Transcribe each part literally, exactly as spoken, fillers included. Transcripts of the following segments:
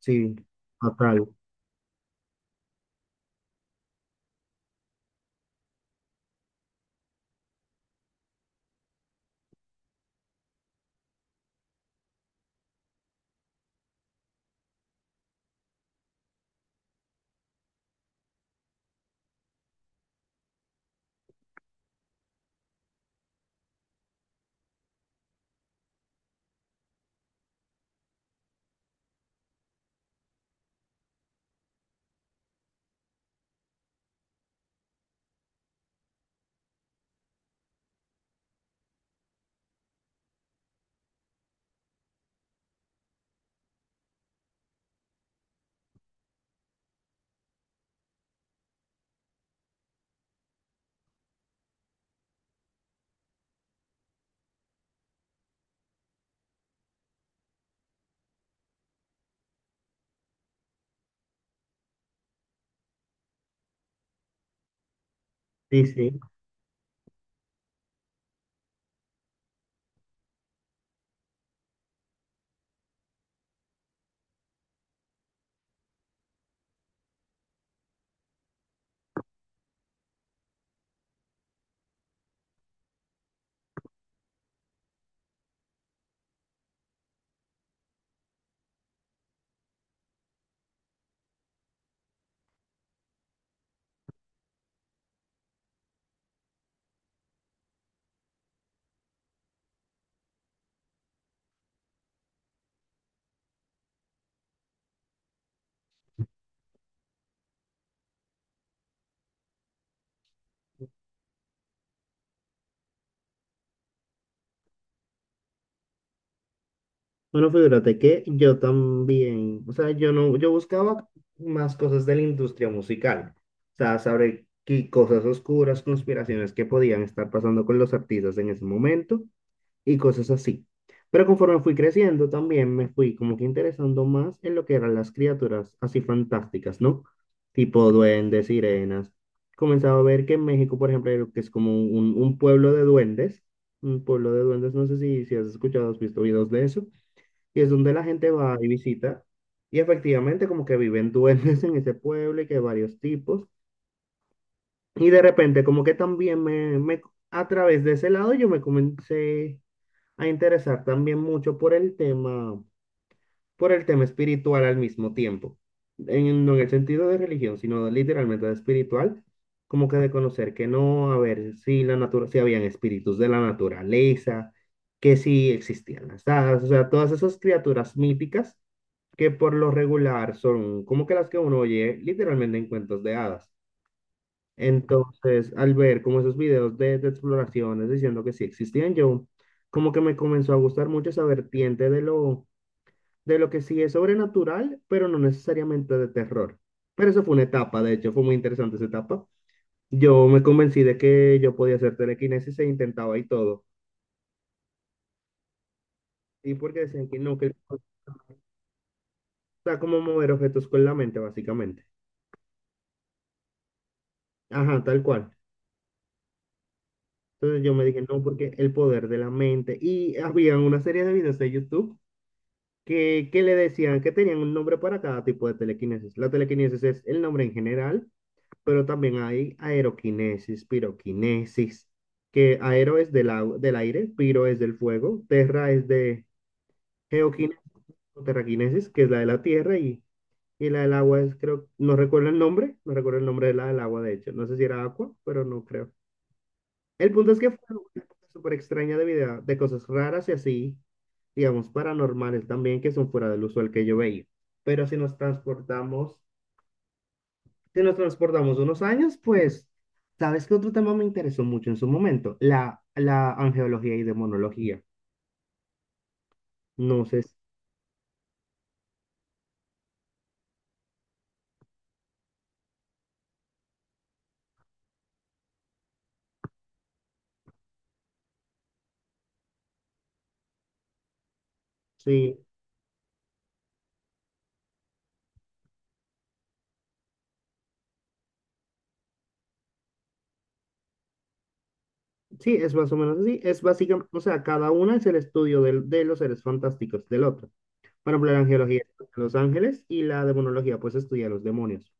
Sí, total. Sí, sí. Bueno, fíjate que yo también, o sea, yo no, yo buscaba más cosas de la industria musical. O sea, saber qué cosas oscuras, conspiraciones que podían estar pasando con los artistas en ese momento. Y cosas así. Pero conforme fui creciendo, también me fui como que interesando más en lo que eran las criaturas así fantásticas, ¿no? Tipo duendes, sirenas. Comenzaba a ver que en México, por ejemplo, hay lo que es como un, un pueblo de duendes, un pueblo de duendes, no sé si, si has escuchado, has visto videos de eso, y es donde la gente va y visita, y efectivamente como que viven duendes en ese pueblo y que hay varios tipos, y de repente como que también me, me a través de ese lado yo me comencé a interesar también mucho por el tema, por el tema espiritual al mismo tiempo. En, no en el sentido de religión, sino literalmente de espiritual, como que de conocer que no, a ver si la natura, si habían espíritus de la naturaleza, que si existían las hadas, o sea, todas esas criaturas míticas que por lo regular son como que las que uno oye literalmente en cuentos de hadas. Entonces, al ver como esos videos de, de exploraciones diciendo que sí existían, yo como que me comenzó a gustar mucho esa vertiente de lo, de lo que sí es sobrenatural, pero no necesariamente de terror. Pero eso fue una etapa, de hecho, fue muy interesante esa etapa. Yo me convencí de que yo podía hacer telequinesis e intentaba y todo. Y porque decían que no, que o sea, como mover objetos con la mente, básicamente. Ajá, tal cual. Entonces yo me dije, no, porque el poder de la mente. Y había una serie de videos de YouTube. ¿Qué, qué le decían? Que tenían un nombre para cada tipo de telequinesis. La telequinesis es el nombre en general, pero también hay aeroquinesis, piroquinesis, que aero es del, au- del aire, piro es del fuego, terra es de geoquinesis o terraquinesis, que es la de la tierra, y, y la del agua es, creo, no recuerdo el nombre, no recuerdo el nombre de la del agua, de hecho. No sé si era agua, pero no creo. El punto es que fue una época súper extraña de vida, de cosas raras y así, digamos, paranormales también, que son fuera del usual que yo veía. Pero si nos transportamos, si nos transportamos unos años, pues, ¿sabes qué otro tema me interesó mucho en su momento? La, la angeología y demonología. No sé si, sí, es más o menos así. Es básicamente, o sea, cada una es el estudio del- de los seres fantásticos del otro. Por ejemplo, la angeología estudia a los ángeles y la demonología, pues, estudia a los demonios.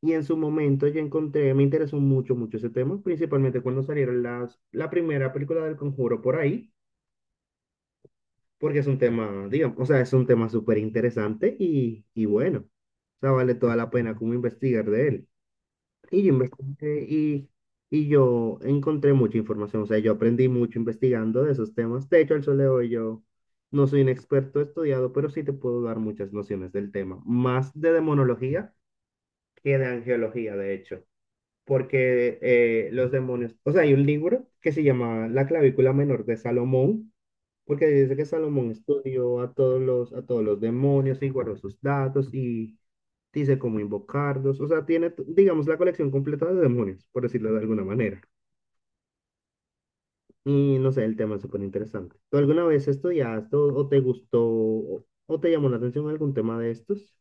Y en su momento yo encontré, me interesó mucho, mucho ese tema, principalmente cuando salieron las, la primera película del Conjuro por ahí, porque es un tema, digamos, o sea, es un tema súper interesante y, y bueno, o sea, vale toda la pena como investigar de él. Y yo investigué y, y yo encontré mucha información, o sea, yo aprendí mucho investigando de esos temas. De hecho, al sol de hoy yo no soy un experto estudiado, pero sí te puedo dar muchas nociones del tema, más de demonología que de angeología, de hecho. Porque eh, los demonios, o sea, hay un libro que se llama La clavícula menor de Salomón, porque dice que Salomón estudió a todos los, a todos los demonios y guardó sus datos y dice cómo invocarlos, o sea, tiene, t- digamos, la colección completa de demonios, por decirlo de alguna manera. Y no sé, el tema es súper interesante. ¿Tú alguna vez estudiaste o, o te gustó o, o te llamó la atención algún tema de estos?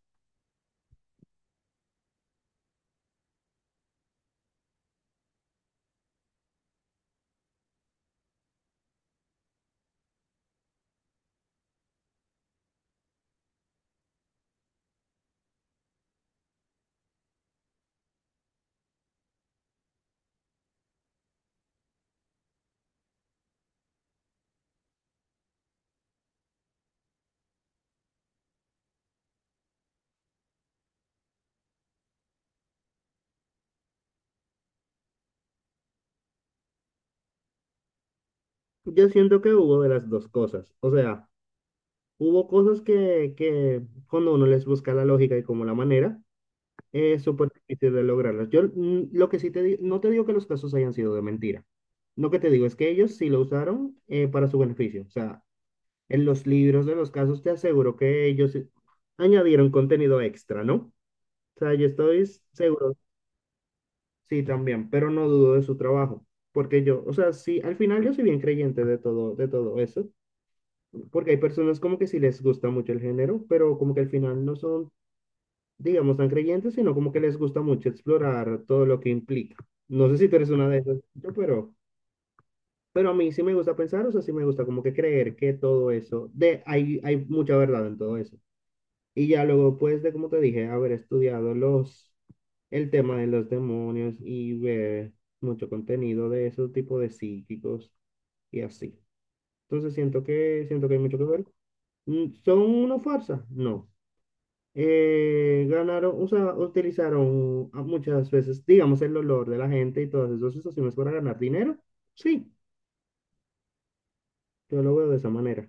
Yo siento que hubo de las dos cosas, o sea... Hubo cosas que, que cuando uno les busca la lógica y como la manera, es súper difícil de lograrlas. Yo mm, lo que sí te digo, no te digo que los casos hayan sido de mentira. Lo que te digo es que ellos sí lo usaron eh, para su beneficio. O sea, en los libros de los casos te aseguro que ellos eh, añadieron contenido extra, ¿no? O sea, yo estoy seguro, sí, también, pero no dudo de su trabajo. Porque yo, o sea, sí, al final yo soy bien creyente de todo, de todo eso. Porque hay personas como que sí les gusta mucho el género, pero como que al final no son digamos, tan creyentes, sino como que les gusta mucho explorar todo lo que implica. No sé si tú eres una de esas, yo, pero, pero a mí sí me gusta pensar, o sea, sí me gusta como que creer que todo eso, de, hay, hay mucha verdad en todo eso. Y ya luego, pues, de como te dije, haber estudiado los, el tema de los demonios y ver mucho contenido de esos tipos de psíquicos y así. Entonces siento que, siento que hay mucho que ver. Mm, ¿son una farsa? No. eh, ganaron, usa- utilizaron a- muchas veces, digamos, el dolor de la gente y todas esas situaciones para ganar dinero. Sí, yo lo veo de esa manera.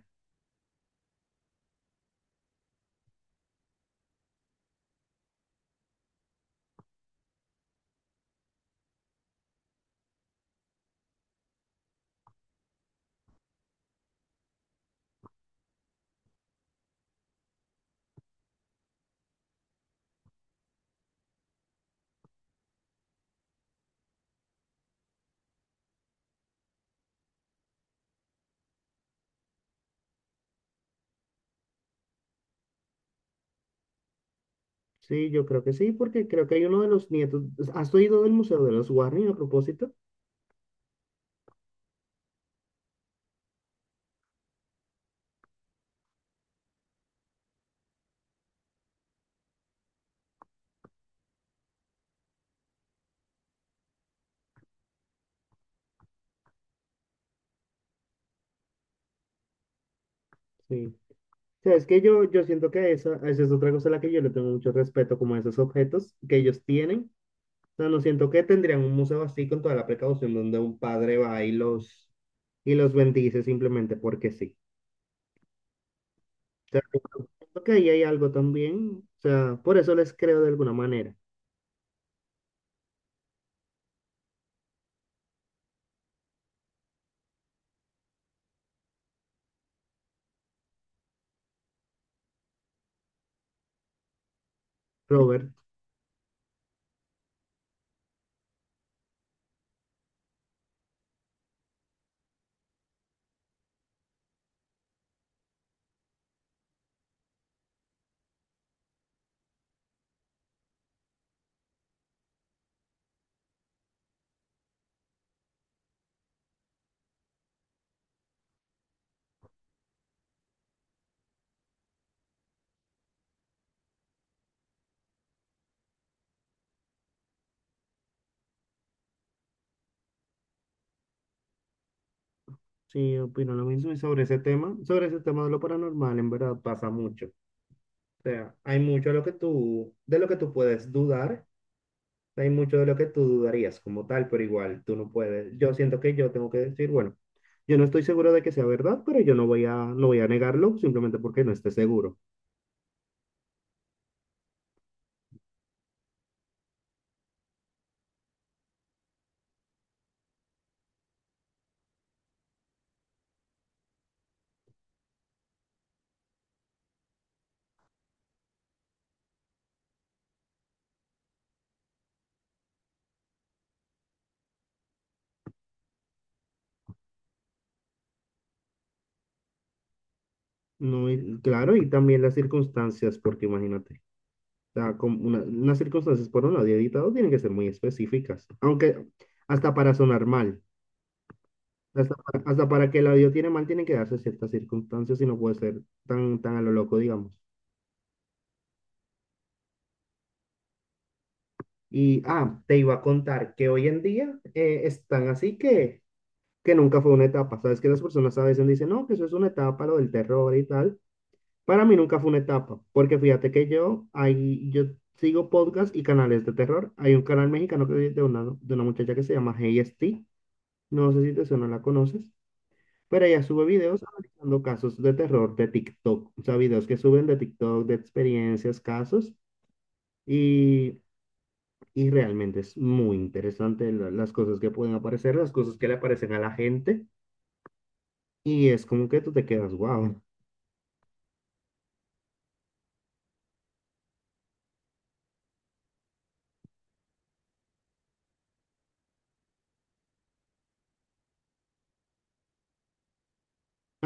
Sí, yo creo que sí, porque creo que hay uno de los nietos. Pues, ¿has oído del Museo de los Warren a propósito? Sí. O sea, es que yo, yo siento que esa, esa es otra cosa a la que yo le tengo mucho respeto, como a esos objetos que ellos tienen. O sea, no siento que tendrían un museo así con toda la precaución donde un padre va y los, y los bendice simplemente porque sí. Te recuerdo que ahí hay algo también, o sea, por eso les creo de alguna manera. Robert, sí, opino lo mismo y sobre ese tema, sobre ese tema de lo paranormal, en verdad pasa mucho. O sea, hay mucho de lo que tú, de lo que tú puedes dudar, hay mucho de lo que tú dudarías como tal, pero igual tú no puedes. Yo siento que yo tengo que decir, bueno, yo no estoy seguro de que sea verdad, pero yo no voy a, no voy a negarlo simplemente porque no esté seguro. No, y- claro, y también las circunstancias, porque imagínate. Sea, como una- unas circunstancias por un lado y editado tienen que ser muy específicas. Aunque hasta para sonar mal, hasta para, hasta para que el audio tiene mal, tienen que darse ciertas circunstancias y no puede ser tan, tan a lo loco, digamos. Y, ah, te iba a contar que hoy en día eh, están así que, que nunca fue una etapa. Sabes que las personas a veces dicen, no, que eso es una etapa, lo del terror y tal. Para mí nunca fue una etapa, porque fíjate que yo, ahí, yo sigo podcasts y canales de terror. Hay un canal mexicano que, de, una, de una muchacha que se llama Hey Esti. No sé si te suena, la conoces, pero ella sube videos analizando casos de terror de TikTok, o sea, videos que suben de TikTok, de experiencias, casos, y, y realmente es muy interesante la- las cosas que pueden aparecer, las cosas que le aparecen a la gente, y es como que tú te quedas, wow.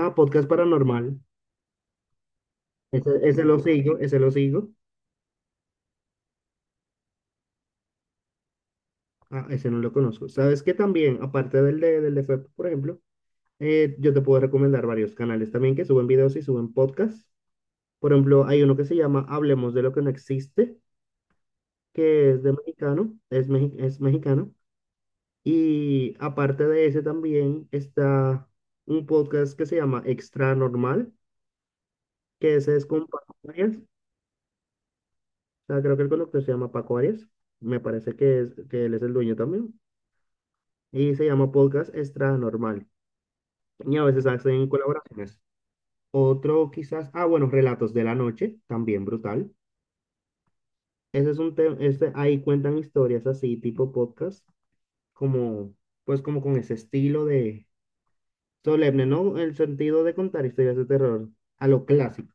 Ah, podcast paranormal, ese, ese lo sigo, ese lo sigo, ah, ese no lo conozco. Sabes que también, aparte del de, del de F E P, por ejemplo, eh, yo te puedo recomendar varios canales también que suben videos y suben podcasts. Por ejemplo, hay uno que se llama Hablemos de lo que no existe, que es de mexicano, es, mexi- es mexicano. Y aparte de ese también está un podcast que se llama Extra Normal, que ese es con Paco Arias. O sea, creo que el conductor se llama Paco Arias. Me parece que, es, que él es el dueño también. Y se llama Podcast Extra Normal. Y a veces hacen colaboraciones. Otro quizás, ah, bueno, Relatos de la Noche, también brutal. Ese es un tema, este, ahí cuentan historias así, tipo podcast como, pues como con ese estilo de solemne, ¿no? El sentido de contar historias de terror a lo clásico.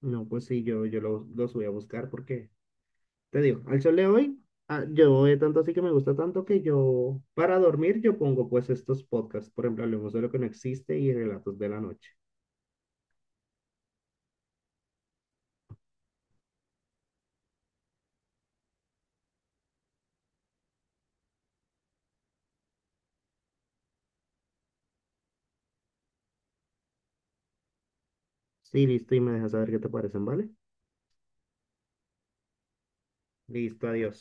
No, pues sí, yo, yo lo- los voy a buscar porque, te digo, al sol de hoy, ah, yo eh, tanto así que me gusta tanto que yo, para dormir, yo pongo pues estos podcasts, por ejemplo, Hablemos de lo que no existe y Relatos de la Noche. Sí, listo, y me dejas saber qué te parecen, ¿vale? Listo, adiós.